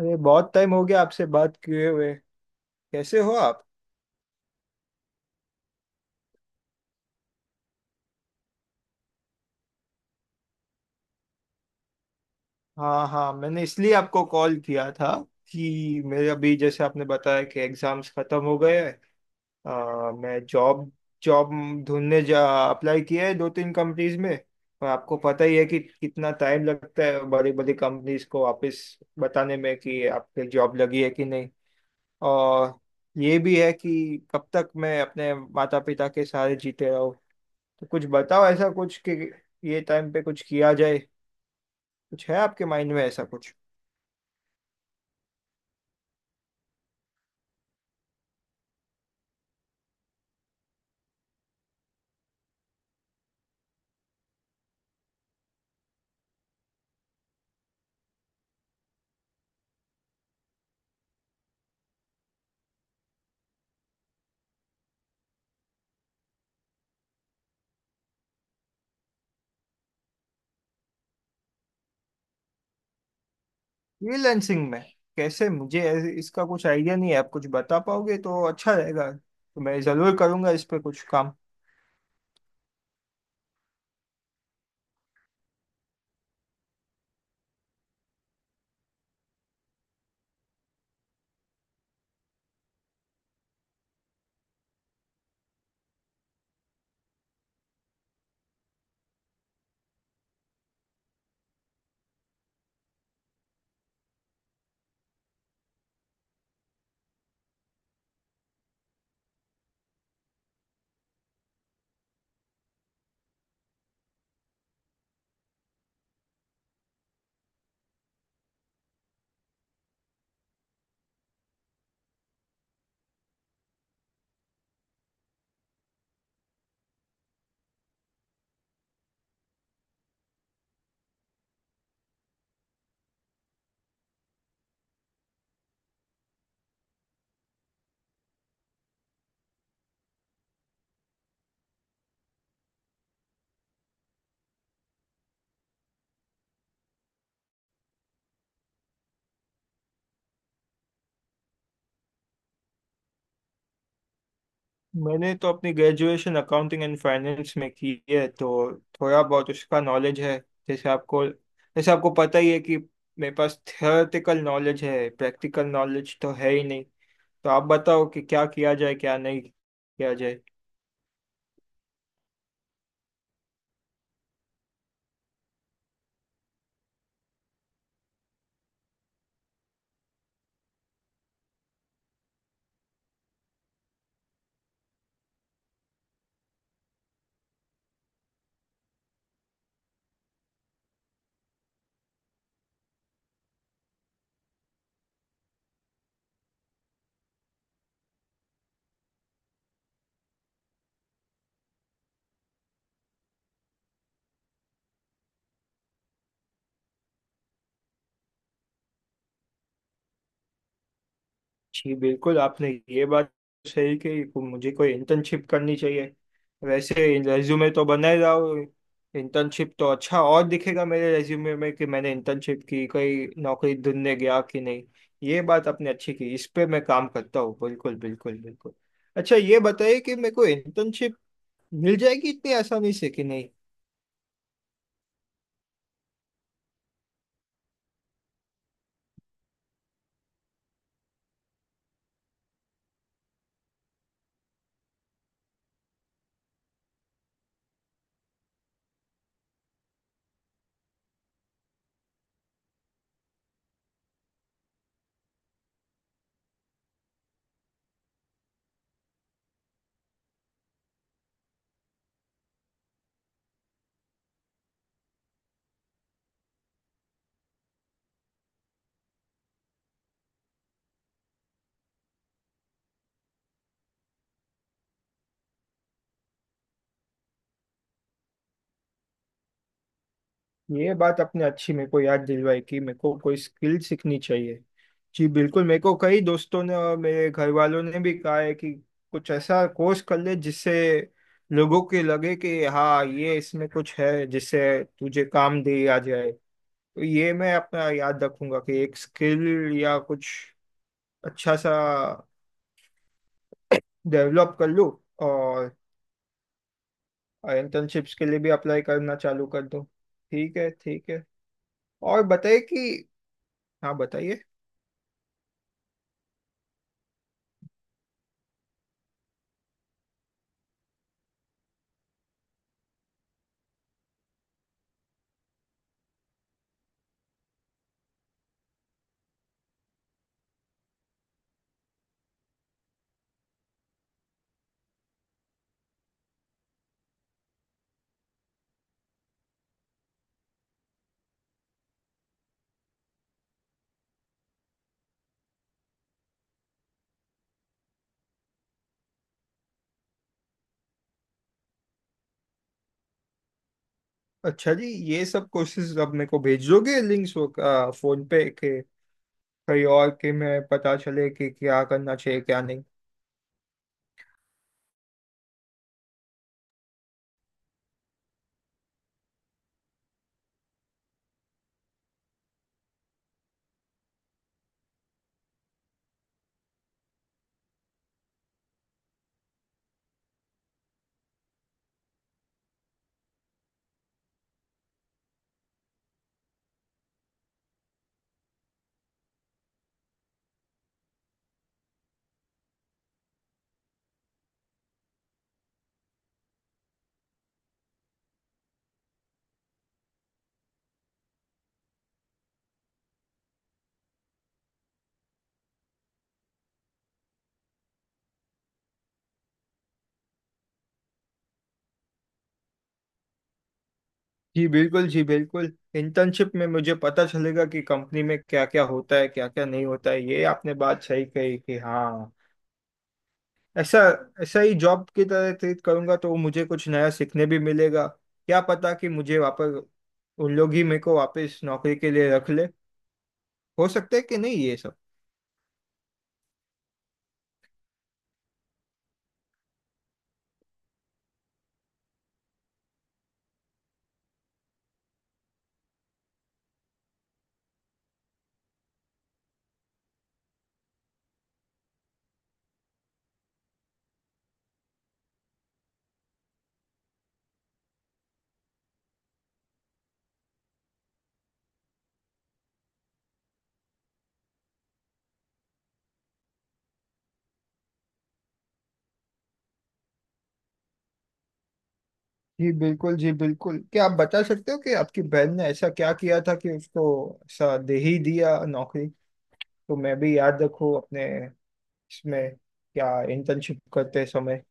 अरे बहुत टाइम हो गया आपसे बात किए हुए। कैसे हो आप? हाँ, हाँ, मैंने इसलिए आपको कॉल किया था कि मेरे अभी जैसे आपने बताया कि एग्जाम्स खत्म हो गए हैं। मैं जॉब जॉब ढूंढने जा अप्लाई किया है दो तीन कंपनीज में। पर आपको पता ही है कि कितना टाइम लगता है बड़ी बड़ी कंपनीज को वापस बताने में कि आपके जॉब लगी है कि नहीं। और ये भी है कि कब तक मैं अपने माता पिता के सहारे जीते रहूँ। तो कुछ बताओ ऐसा कुछ कि ये टाइम पे कुछ किया जाए। कुछ है आपके माइंड में ऐसा कुछ? फ्रीलैंसिंग में कैसे मुझे इसका कुछ आइडिया नहीं है। आप कुछ बता पाओगे तो अच्छा रहेगा, तो मैं जरूर करूंगा इस पे कुछ काम। मैंने तो अपनी ग्रेजुएशन अकाउंटिंग एंड फाइनेंस में की है, तो थोड़ा बहुत उसका नॉलेज है। जैसे आपको पता ही है कि मेरे पास थियोरेटिकल नॉलेज है, प्रैक्टिकल नॉलेज तो है ही नहीं। तो आप बताओ कि क्या किया जाए क्या नहीं किया जाए। जी बिल्कुल, आपने ये बात सही कही मुझे कोई इंटर्नशिप करनी चाहिए वैसे। रेज्यूमे तो बनाए जाओ, इंटर्नशिप तो अच्छा और दिखेगा मेरे रेज्यूमे में कि मैंने इंटर्नशिप की, कोई नौकरी ढूंढने गया कि नहीं। ये बात आपने अच्छी की, इस पे मैं काम करता हूँ। बिल्कुल, बिल्कुल, बिल्कुल। अच्छा ये बताइए कि मेरे को इंटर्नशिप मिल जाएगी इतनी आसानी से कि नहीं? ये बात आपने अच्छी मेरे को याद दिलवाई कि मेरे को कोई स्किल सीखनी चाहिए। जी बिल्कुल, मेरे को कई दोस्तों ने और मेरे घर वालों ने भी कहा है कि कुछ ऐसा कोर्स कर ले जिससे लोगों के लगे कि हाँ ये इसमें कुछ है, जिससे तुझे काम दे आ जाए। तो ये मैं अपना याद रखूंगा कि एक स्किल या कुछ अच्छा सा डेवलप कर लूँ, और इंटर्नशिप्स के लिए भी अप्लाई करना चालू कर दूँ। ठीक है, ठीक है। और बताइए कि हाँ, बताइए। अच्छा जी, ये सब कोर्सेज आप मेरे को भेज दोगे, लिंक्स वो फोन पे के कहीं और के, मैं पता चले कि क्या करना चाहिए क्या नहीं। जी बिल्कुल, जी बिल्कुल, इंटर्नशिप में मुझे पता चलेगा कि कंपनी में क्या क्या होता है क्या क्या नहीं होता है। ये आपने बात सही कही कि हाँ, ऐसा ऐसा ही जॉब की तरह ट्रीट करूंगा, तो मुझे कुछ नया सीखने भी मिलेगा। क्या पता कि मुझे वापस उन लोग ही मेरे को वापस नौकरी के लिए रख ले, हो सकता है कि नहीं ये सब। जी बिल्कुल, जी बिल्कुल, क्या आप बता सकते हो कि आपकी बहन ने ऐसा क्या किया था कि उसको ऐसा दे ही दिया नौकरी? तो मैं भी याद रखूँ अपने इसमें क्या इंटर्नशिप करते समय।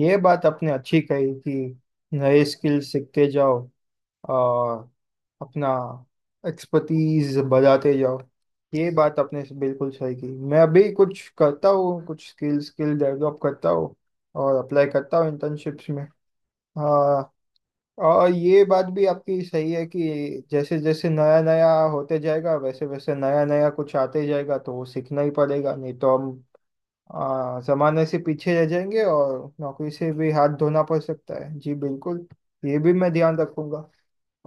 ये बात आपने अच्छी कही कि नए स्किल सीखते जाओ और अपना एक्सपर्टीज बढ़ाते जाओ। ये बात आपने बिल्कुल सही की, मैं अभी कुछ करता हूँ, कुछ स्किल स्किल डेवलप करता हूँ, और अप्लाई करता हूँ इंटर्नशिप्स में। और ये बात भी आपकी सही है कि जैसे जैसे नया नया होते जाएगा वैसे वैसे नया नया कुछ आते जाएगा, तो वो सीखना ही पड़ेगा, नहीं तो हम जमाने से पीछे रह जाएंगे और नौकरी से भी हाथ धोना पड़ सकता है। जी बिल्कुल, ये भी मैं ध्यान रखूंगा।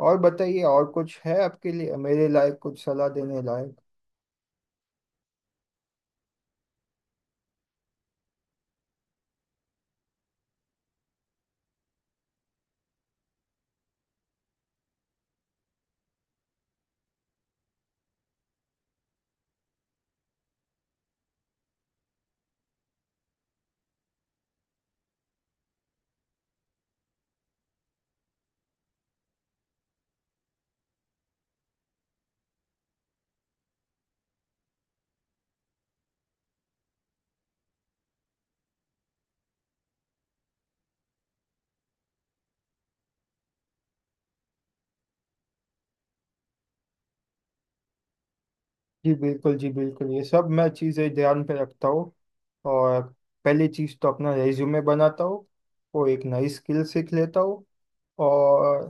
और बताइए, और कुछ है आपके लिए मेरे लायक, कुछ सलाह देने लायक? जी बिल्कुल, जी बिल्कुल, ये सब मैं चीज़ें ध्यान पे रखता हूँ। और पहली चीज़ तो अपना रेज्यूमे बनाता हूँ, वो एक नई स्किल सीख लेता हूँ, और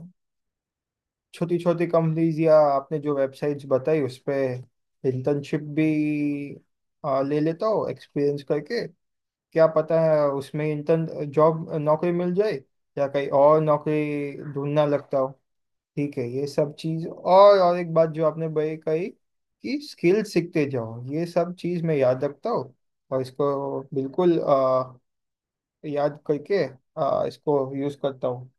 छोटी छोटी कंपनीज या आपने जो वेबसाइट्स बताई उस पे इंटर्नशिप भी ले लेता हो एक्सपीरियंस करके। क्या पता है उसमें इंटर्न जॉब नौकरी मिल जाए या कहीं और नौकरी ढूंढना लगता हो। ठीक है, ये सब चीज़, और एक बात जो आपने भाई कही कि स्किल सीखते जाओ, ये सब चीज़ मैं याद रखता हूँ और इसको बिल्कुल याद करके इसको यूज़ करता हूँ।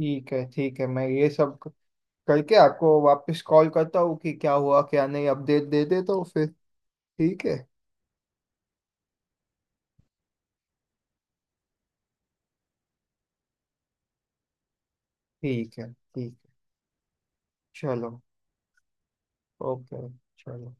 ठीक है, ठीक है, मैं ये सब करके आपको वापस कॉल करता हूँ कि क्या हुआ क्या नहीं, अपडेट दे दे तो फिर। ठीक है, ठीक है। ठीक है, चलो। ओके, चलो।